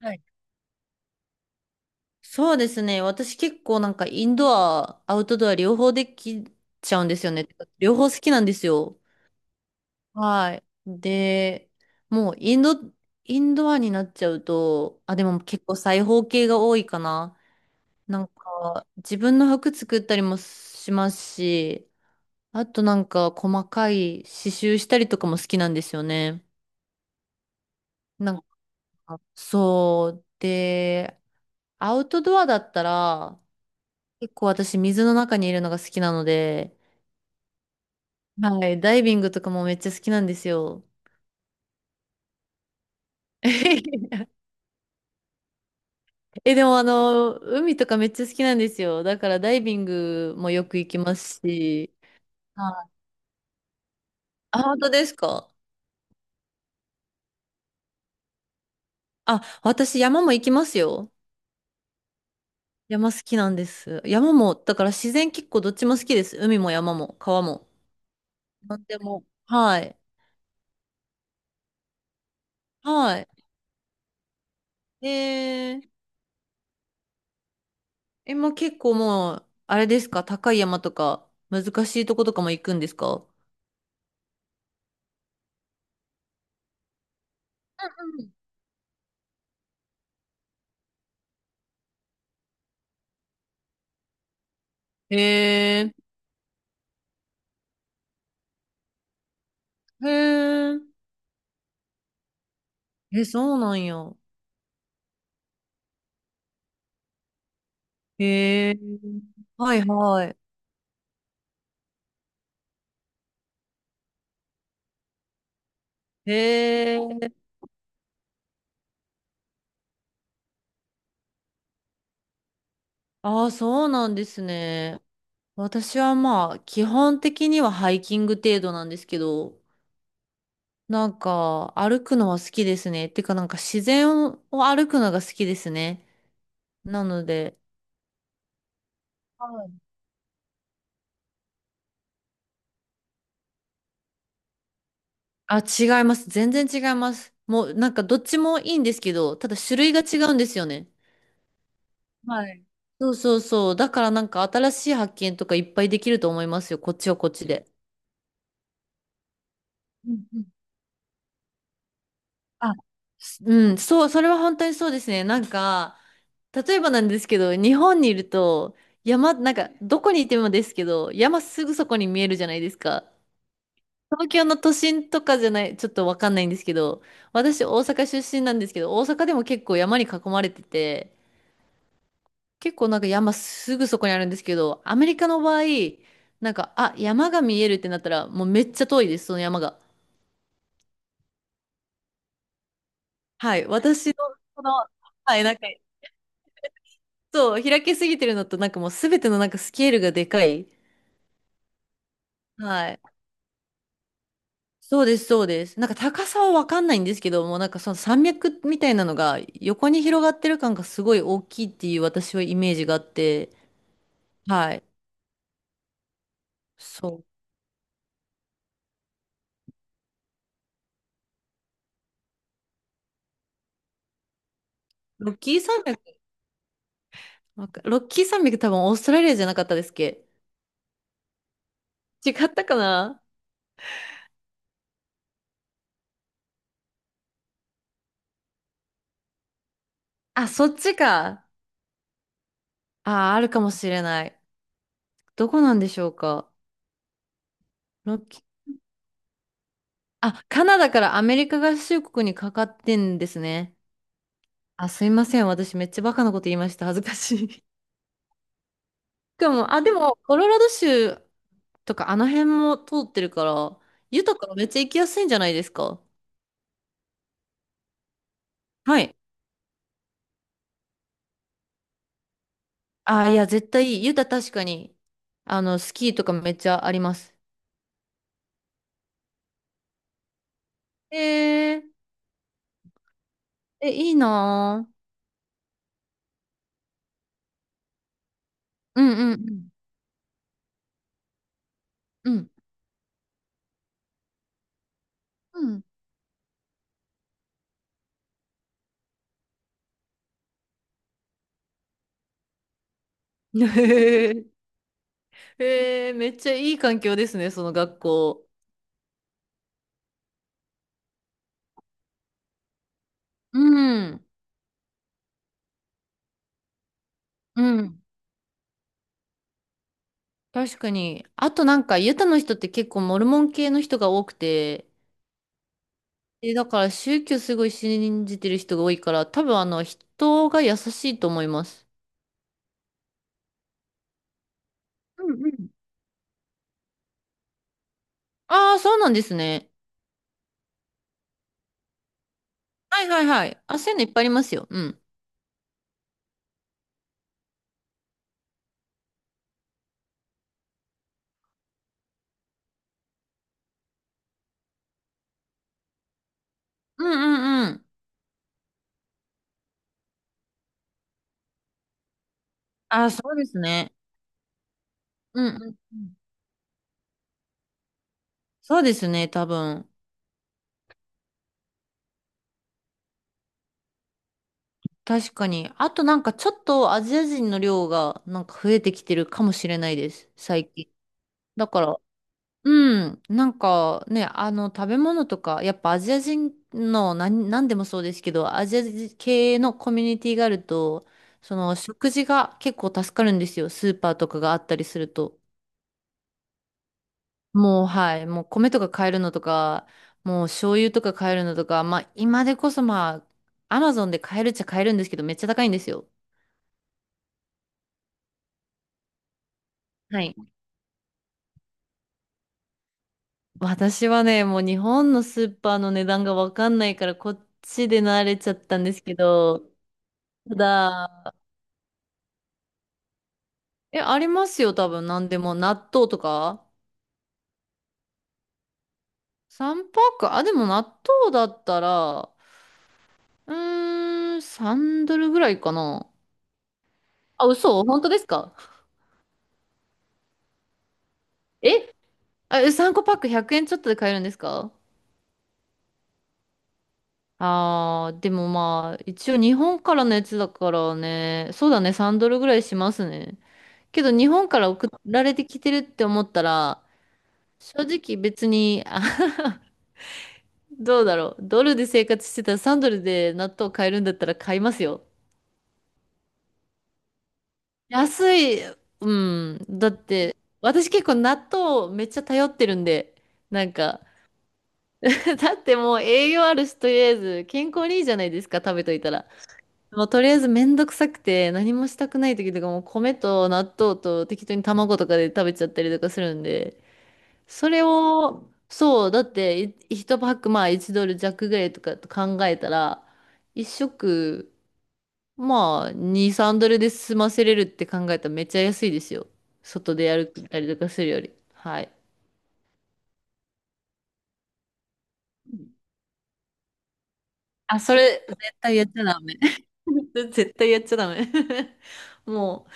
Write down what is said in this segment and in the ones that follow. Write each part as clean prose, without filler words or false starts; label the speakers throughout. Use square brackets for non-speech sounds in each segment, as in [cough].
Speaker 1: はい。そうですね。私結構なんかインドア、アウトドア両方できちゃうんですよね。両方好きなんですよ。はい。で、もうインドアになっちゃうと、あ、でも結構裁縫系が多いかな。なんか自分の服作ったりもしますし、あとなんか細かい刺繍したりとかも好きなんですよね。なんか、そう。で、アウトドアだったら、結構私水の中にいるのが好きなので、はい。ダイビングとかもめっちゃ好きなんですよ。[laughs] え、でも海とかめっちゃ好きなんですよ。だからダイビングもよく行きますし。はい。あ、本当ですか？あ、私山も行きますよ。山好きなんです。山も、だから自然結構どっちも好きです。海も山も川も。なんでも。はい。はい。えー、え、もう結構もう、あれですか？高い山とか難しいとことかも行くんですか？えへーえ、そうなんや。へえ、はいはい。へえ、ああ、そうなんですね。私はまあ、基本的にはハイキング程度なんですけど、なんか、歩くのは好きですね。てか、なんか自然を歩くのが好きですね。なので、はい。あ、違います。全然違います。もう、なんかどっちもいいんですけど、ただ種類が違うんですよね。はい。そうそうそう。だからなんか新しい発見とかいっぱいできると思いますよ。こっちはこっちで。うんうん。あ、うん、そう、それは本当にそうですね。なんか、例えばなんですけど、日本にいると、山、なんか、どこにいてもですけど、山すぐそこに見えるじゃないですか。東京の都心とかじゃない、ちょっとわかんないんですけど、私大阪出身なんですけど、大阪でも結構山に囲まれてて、結構なんか山すぐそこにあるんですけど、アメリカの場合、なんか、あ、山が見えるってなったら、もうめっちゃ遠いです、その山が。はい、私の、この、はい、なんか、そう、開けすぎてるのと、なんかもうすべてのなんかスケールがでかい。はい。そうです、そうです。なんか高さはわかんないんですけど、もうなんかその山脈みたいなのが横に広がってる感がすごい大きいっていう私はイメージがあって、はい。そう。ロッキー山脈、ロッキー山脈多分オーストラリアじゃなかったですっけ？違ったかな。あ、そっちか。あー、あるかもしれない。どこなんでしょうか。ロッキー。あ、カナダからアメリカ合衆国にかかってんですね。あ、すいません。私めっちゃバカなこと言いました。恥ずかしい。[laughs] しかも、あ、でも、コロラド州とかあの辺も通ってるから、ユタからめっちゃ行きやすいんじゃないですか。はい。あ、いや、絶対いい。ユタ確かに、あの、スキーとかめっちゃあります。えー、え、いいなぁ。うんうんうん。うん。うん。[laughs] へえ、めっちゃいい環境ですね、その学校。うん、うん、確かに。あとなんか、ユタの人って結構モルモン系の人が多くて、で、だから宗教すごい信じてる人が多いから、多分人が優しいと思います。うんうん。ああ、そうなんですね。はいはいはい。あ、そういうのいっぱいありますよ。うん。うんうんうん。ああ、そうですね。うんうんうん。そうですね、多分。確かに。あとなんかちょっとアジア人の量がなんか増えてきてるかもしれないです。最近。だから、うん。なんかね、あの食べ物とか、やっぱアジア人の何でもそうですけど、アジア人系のコミュニティがあると、その食事が結構助かるんですよ。スーパーとかがあったりすると。もうはい。もう米とか買えるのとか、もう醤油とか買えるのとか、まあ今でこそまあ、アマゾンで買えるっちゃ買えるんですけど、めっちゃ高いんですよ。はい。私はね、もう日本のスーパーの値段がわかんないから、こっちで慣れちゃったんですけど、ただ、え、ありますよ、多分、なんでも、納豆とか。3パック、あ、でも納豆だったら、うーん、3ドルぐらいかな。あ、嘘？本当ですか？え、あ、3個パック100円ちょっとで買えるんですか？あー、でもまあ、一応日本からのやつだからね、そうだね、3ドルぐらいしますね。けど日本から送られてきてるって思ったら、正直別に、あ。 [laughs] どうだろう。ドルで生活してたら3ドルで納豆買えるんだったら買いますよ。安い、うん。だって、私結構納豆めっちゃ頼ってるんで、なんか、[laughs] だってもう栄養あるし、とりあえず健康にいいじゃないですか、食べといたら。もうとりあえずめんどくさくて何もしたくない時とかもう米と納豆と適当に卵とかで食べちゃったりとかするんで、それを、そう、だって1パックまあ1ドル弱ぐらいとかと考えたら、1食まあ2、3ドルで済ませれるって考えたらめっちゃ安いですよ。外でやるったりとかするより。はい。あ、それ絶対やっちゃダメ。[laughs] 絶対やっちゃダメ。[laughs] も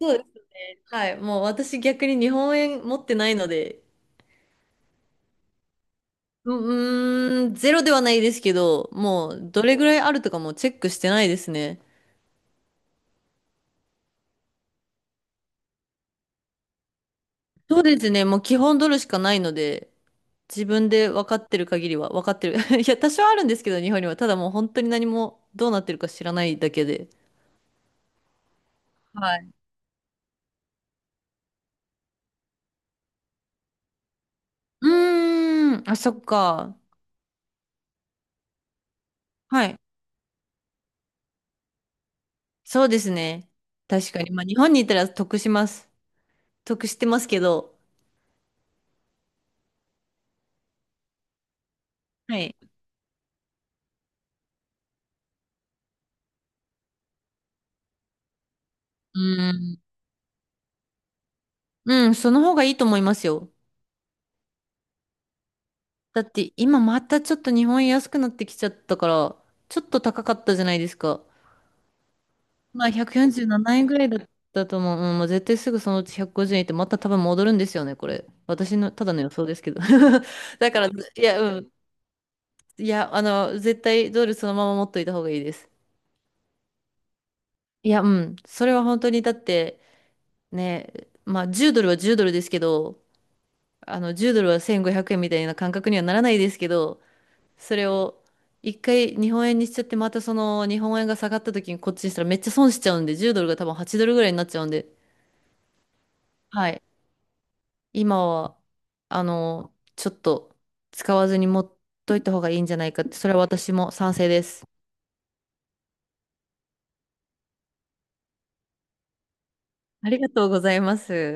Speaker 1: う、そうです。はい。もう私逆に日本円持ってないので、ううーん、ゼロではないですけど、もうどれぐらいあるとかもチェックしてないですね。そうですね。もう基本ドルしかないので、自分で分かってる限りは、分かってる。[laughs] いや、多少あるんですけど、日本には。ただもう本当に何もどうなってるか知らないだけで。はい。うーん、あ、そっか。はい。そうですね。確かに。まあ、日本にいたら得します。得してますけど。はい。うーん。うん、その方がいいと思いますよ。だって今またちょっと日本円安くなってきちゃったから、ちょっと高かったじゃないですか。まあ、147円ぐらいだったと思う。うん、もう絶対すぐそのうち150円ってまた多分戻るんですよね、これ。私の、ただの予想ですけど。[laughs] だから、いや、うん。いや、あの、絶対ドルそのまま持っといた方がいいです。いや、うん。それは本当に、だって、ね、まあ、10ドルは10ドルですけど、あの、10ドルは1500円みたいな感覚にはならないですけど、それを、一回日本円にしちゃって、またその日本円が下がった時にこっちにしたらめっちゃ損しちゃうんで、10ドルが多分8ドルぐらいになっちゃうんで、はい。今は、あの、ちょっと使わずに持っといた方がいいんじゃないかって、それは私も賛成です。ありがとうございます。